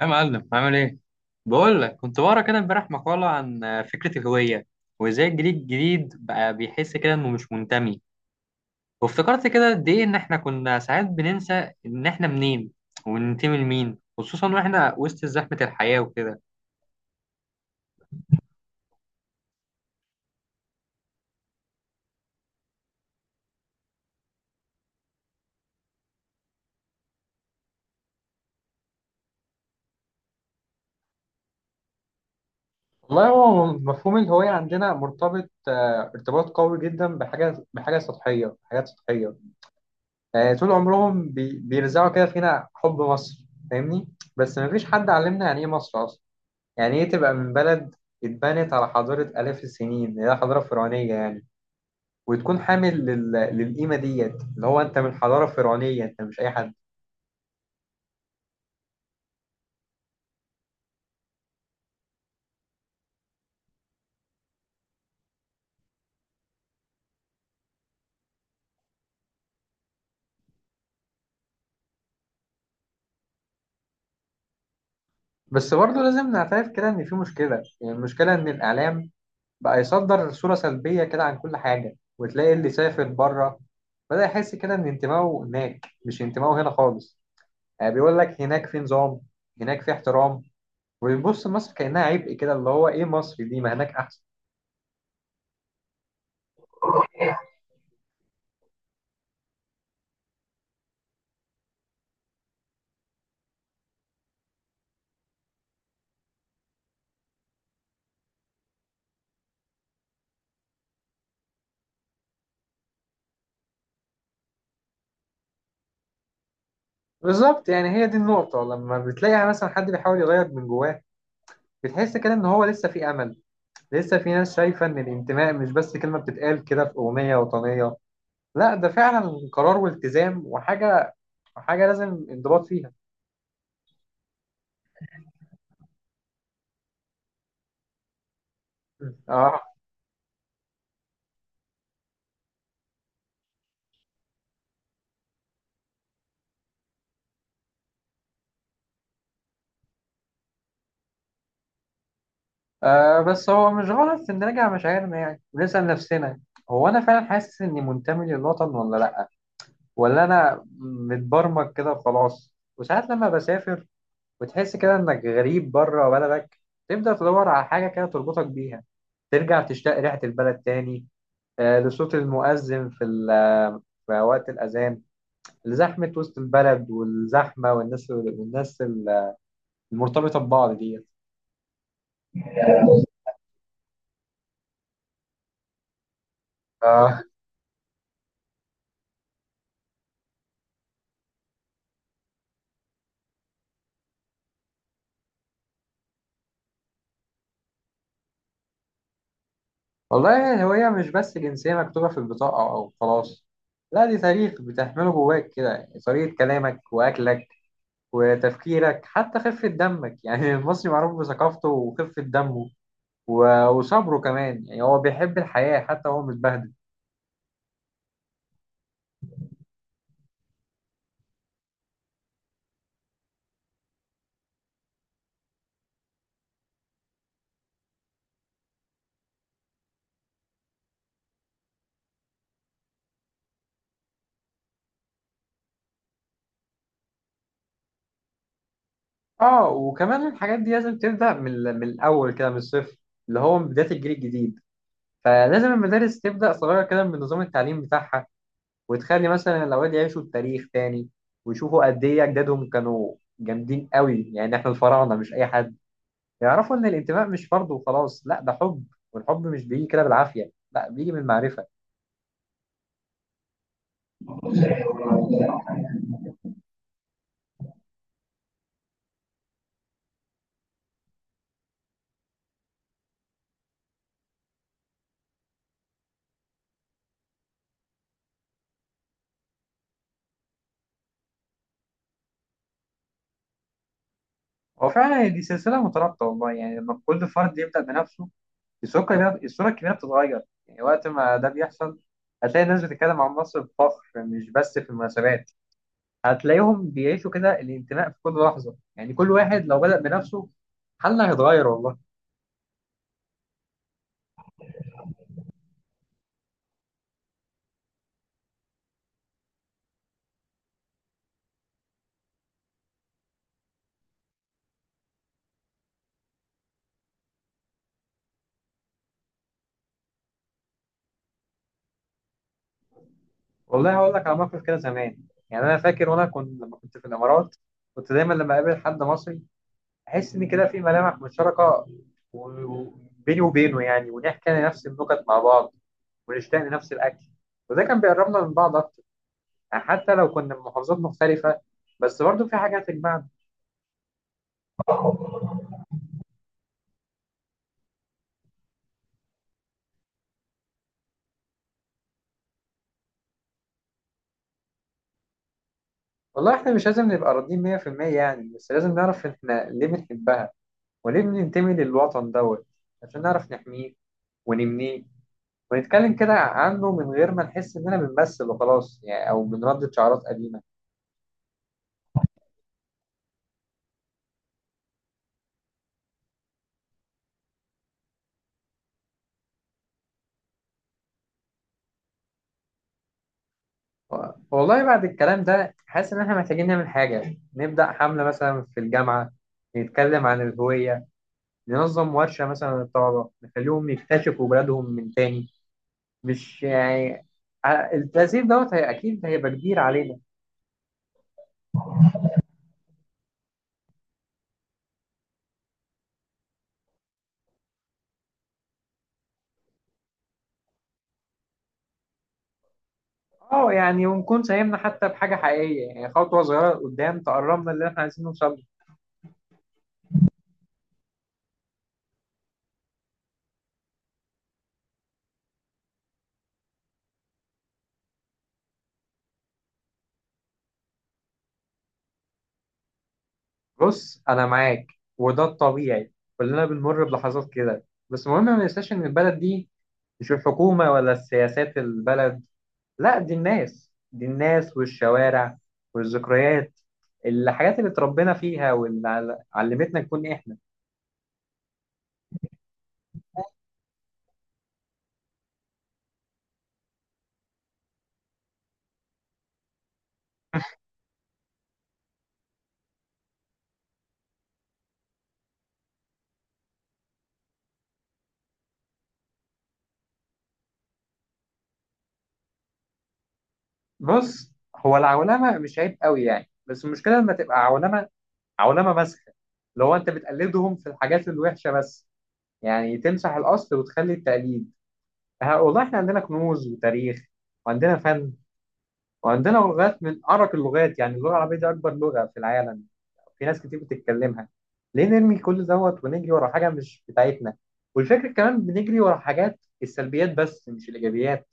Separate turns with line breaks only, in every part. يا معلم عامل ايه؟ بقول لك كنت بقرا كده امبارح مقالة عن فكرة الهوية، وازاي الجيل الجديد بقى بيحس كده انه مش منتمي. وافتكرت كده قد ايه ان احنا كنا ساعات بننسى ان احنا منين وننتمي لمين، خصوصا واحنا وسط زحمة الحياة وكده. والله هو مفهوم الهوية عندنا مرتبط ارتباط قوي جدا بحاجة بحاجة سطحية حاجات سطحية. طول عمرهم بيرزعوا كده فينا حب مصر، فاهمني؟ بس مفيش حد علمنا يعني ايه مصر أصلا، يعني ايه تبقى من بلد اتبنت على حضارة آلاف السنين اللي هي حضارة فرعونية يعني، وتكون حامل للقيمة ديت، اللي هو انت من حضارة فرعونية، انت مش اي حد. بس برضه لازم نعترف كده ان في مشكلة. يعني المشكلة ان الاعلام بقى يصدر صورة سلبية كده عن كل حاجة، وتلاقي اللي سافر بره بدأ يحس كده ان انتمائه هناك، مش انتمائه هنا خالص. يعني بيقول لك هناك في نظام، هناك في احترام، وبيبص مصر كأنها عبء، كده اللي هو ايه مصر دي، ما هناك احسن. بالظبط، يعني هي دي النقطة. لما بتلاقي يعني مثلا حد بيحاول يغير من جواه، بتحس كده إن هو لسه في أمل. لسه في ناس شايفة إن الانتماء مش بس كلمة بتتقال كده في أغنية وطنية، لا ده فعلا قرار والتزام وحاجة، حاجة لازم انضباط فيها. آه. آه بس هو مش غلط إن نراجع مشاعرنا يعني، ونسأل نفسنا: هو أنا فعلا حاسس إني منتمي للوطن ولا لأ؟ ولا أنا متبرمج كده وخلاص؟ وساعات لما بسافر وتحس كده انك غريب بره بلدك، تبدأ تدور على حاجة كده تربطك بيها، ترجع تشتاق ريحة البلد تاني. لصوت المؤذن في في وقت الأذان، لزحمة وسط البلد والزحمة والناس، والناس المرتبطة ببعض دي. آه. والله الهوية مش بس جنسية مكتوبة في البطاقة أو خلاص، لا دي تاريخ بتحمله جواك كده، طريقة كلامك وأكلك وتفكيرك، حتى خفة دمك. يعني المصري معروف بثقافته وخفة دمه وصبره كمان، يعني هو بيحب الحياة حتى هو متبهدل. اه، وكمان الحاجات دي لازم تبدأ من من الأول كده، من الصفر، اللي هو من بداية الجيل الجديد. فلازم المدارس تبدأ صغيرة كده من نظام التعليم بتاعها، وتخلي مثلا الأولاد يعيشوا التاريخ تاني، ويشوفوا قد إيه أجدادهم كانوا جامدين قوي، يعني إحنا الفراعنة مش أي حد. يعرفوا إن الانتماء مش فرض وخلاص، لا ده حب، والحب مش بيجي كده بالعافية، لا بيجي من المعرفة. هو فعلا دي سلسلة مترابطة والله، يعني لما كل فرد يبدأ بنفسه، الصورة الكلية بتتغير. يعني وقت ما ده بيحصل، هتلاقي الناس بتتكلم عن مصر بفخر، مش بس في المناسبات. هتلاقيهم بيعيشوا كده الانتماء في كل لحظة، يعني كل واحد لو بدأ بنفسه، حالنا هيتغير والله. والله هقول لك على موقف كده زمان، يعني أنا فاكر وأنا كنت لما كنت في الإمارات، كنت دايما لما أقابل حد مصري أحس إن كده في ملامح مشتركة بيني وبينه، يعني ونحكي نفس النكت مع بعض، ونشتاق لنفس الأكل، وده كان بيقربنا من بعض أكتر. يعني حتى لو كنا من محافظات مختلفة، بس برضو في حاجة هتجمعنا. والله احنا مش لازم نبقى راضيين 100% يعني، بس لازم نعرف احنا ليه بنحبها وليه بننتمي للوطن دوت، عشان نعرف نحميه ونبنيه، ونتكلم كده عنه من غير ما نحس اننا بنمثل وخلاص يعني، او بنردد شعارات قديمة. و- والله بعد الكلام ده حاسس ان احنا محتاجين نعمل حاجة، نبدأ حملة مثلا في الجامعة، نتكلم عن الهوية، ننظم ورشة مثلا للطلبة نخليهم يكتشفوا بلادهم من تاني. مش يعني، التأثير دوت هي أكيد هيبقى كبير علينا. اه يعني ونكون ساهمنا حتى بحاجة حقيقية، يعني خطوة صغيرة قدام تقربنا اللي احنا عايزين نوصل له. بص أنا معاك، وده الطبيعي، كلنا بنمر بلحظات كده. بس المهم ما ننساش إن البلد دي مش الحكومة ولا السياسات، البلد لا دي الناس، دي الناس والشوارع والذكريات، الحاجات اللي اتربينا فيها واللي علمتنا نكون احنا. بص هو العولمه مش عيب قوي يعني، بس المشكله لما تبقى عولمه مسخه، اللي هو انت بتقلدهم في الحاجات الوحشه بس، يعني تمسح الاصل وتخلي التقليد. والله احنا عندنا كنوز وتاريخ، وعندنا فن، وعندنا لغات من ارق اللغات، يعني اللغه العربيه دي اكبر لغه في العالم، في ناس كتير بتتكلمها. ليه نرمي كل دوت ونجري ورا حاجه مش بتاعتنا؟ والفكره كمان بنجري ورا حاجات السلبيات بس، مش الايجابيات.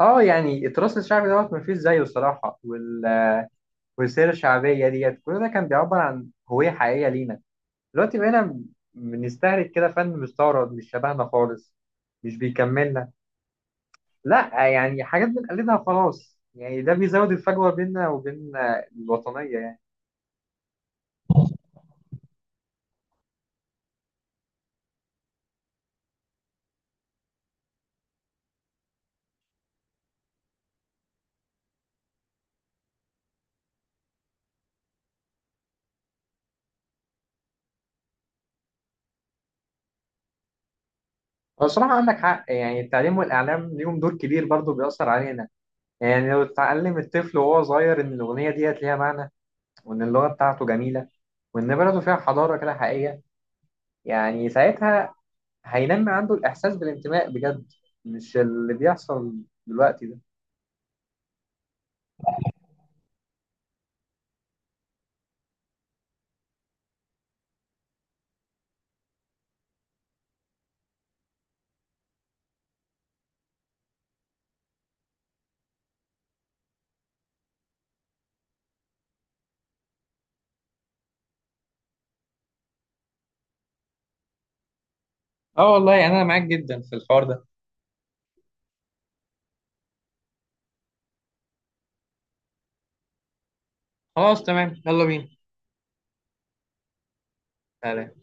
اه يعني التراث الشعبي دوت مفيش زيه الصراحه، والسيرة الشعبية ديت، كل ده كان بيعبر عن هوية حقيقية لينا. دلوقتي بقينا بنستهلك كده فن مستورد مش شبهنا خالص، مش بيكملنا، لا يعني حاجات بنقلدها خلاص، يعني ده بيزود الفجوة بيننا وبين الوطنية يعني. هو بصراحة عندك حق، يعني التعليم والإعلام ليهم دور كبير برضه، بيأثر علينا. يعني لو اتعلم الطفل وهو صغير إن الأغنية ديت ليها معنى، وإن اللغة بتاعته جميلة، وإن بلده فيها حضارة كده حقيقية، يعني ساعتها هينمي عنده الإحساس بالانتماء بجد، مش اللي بيحصل دلوقتي ده. اه والله انا معاك جدا في الحوار ده. خلاص تمام، يلا بينا. تعالى.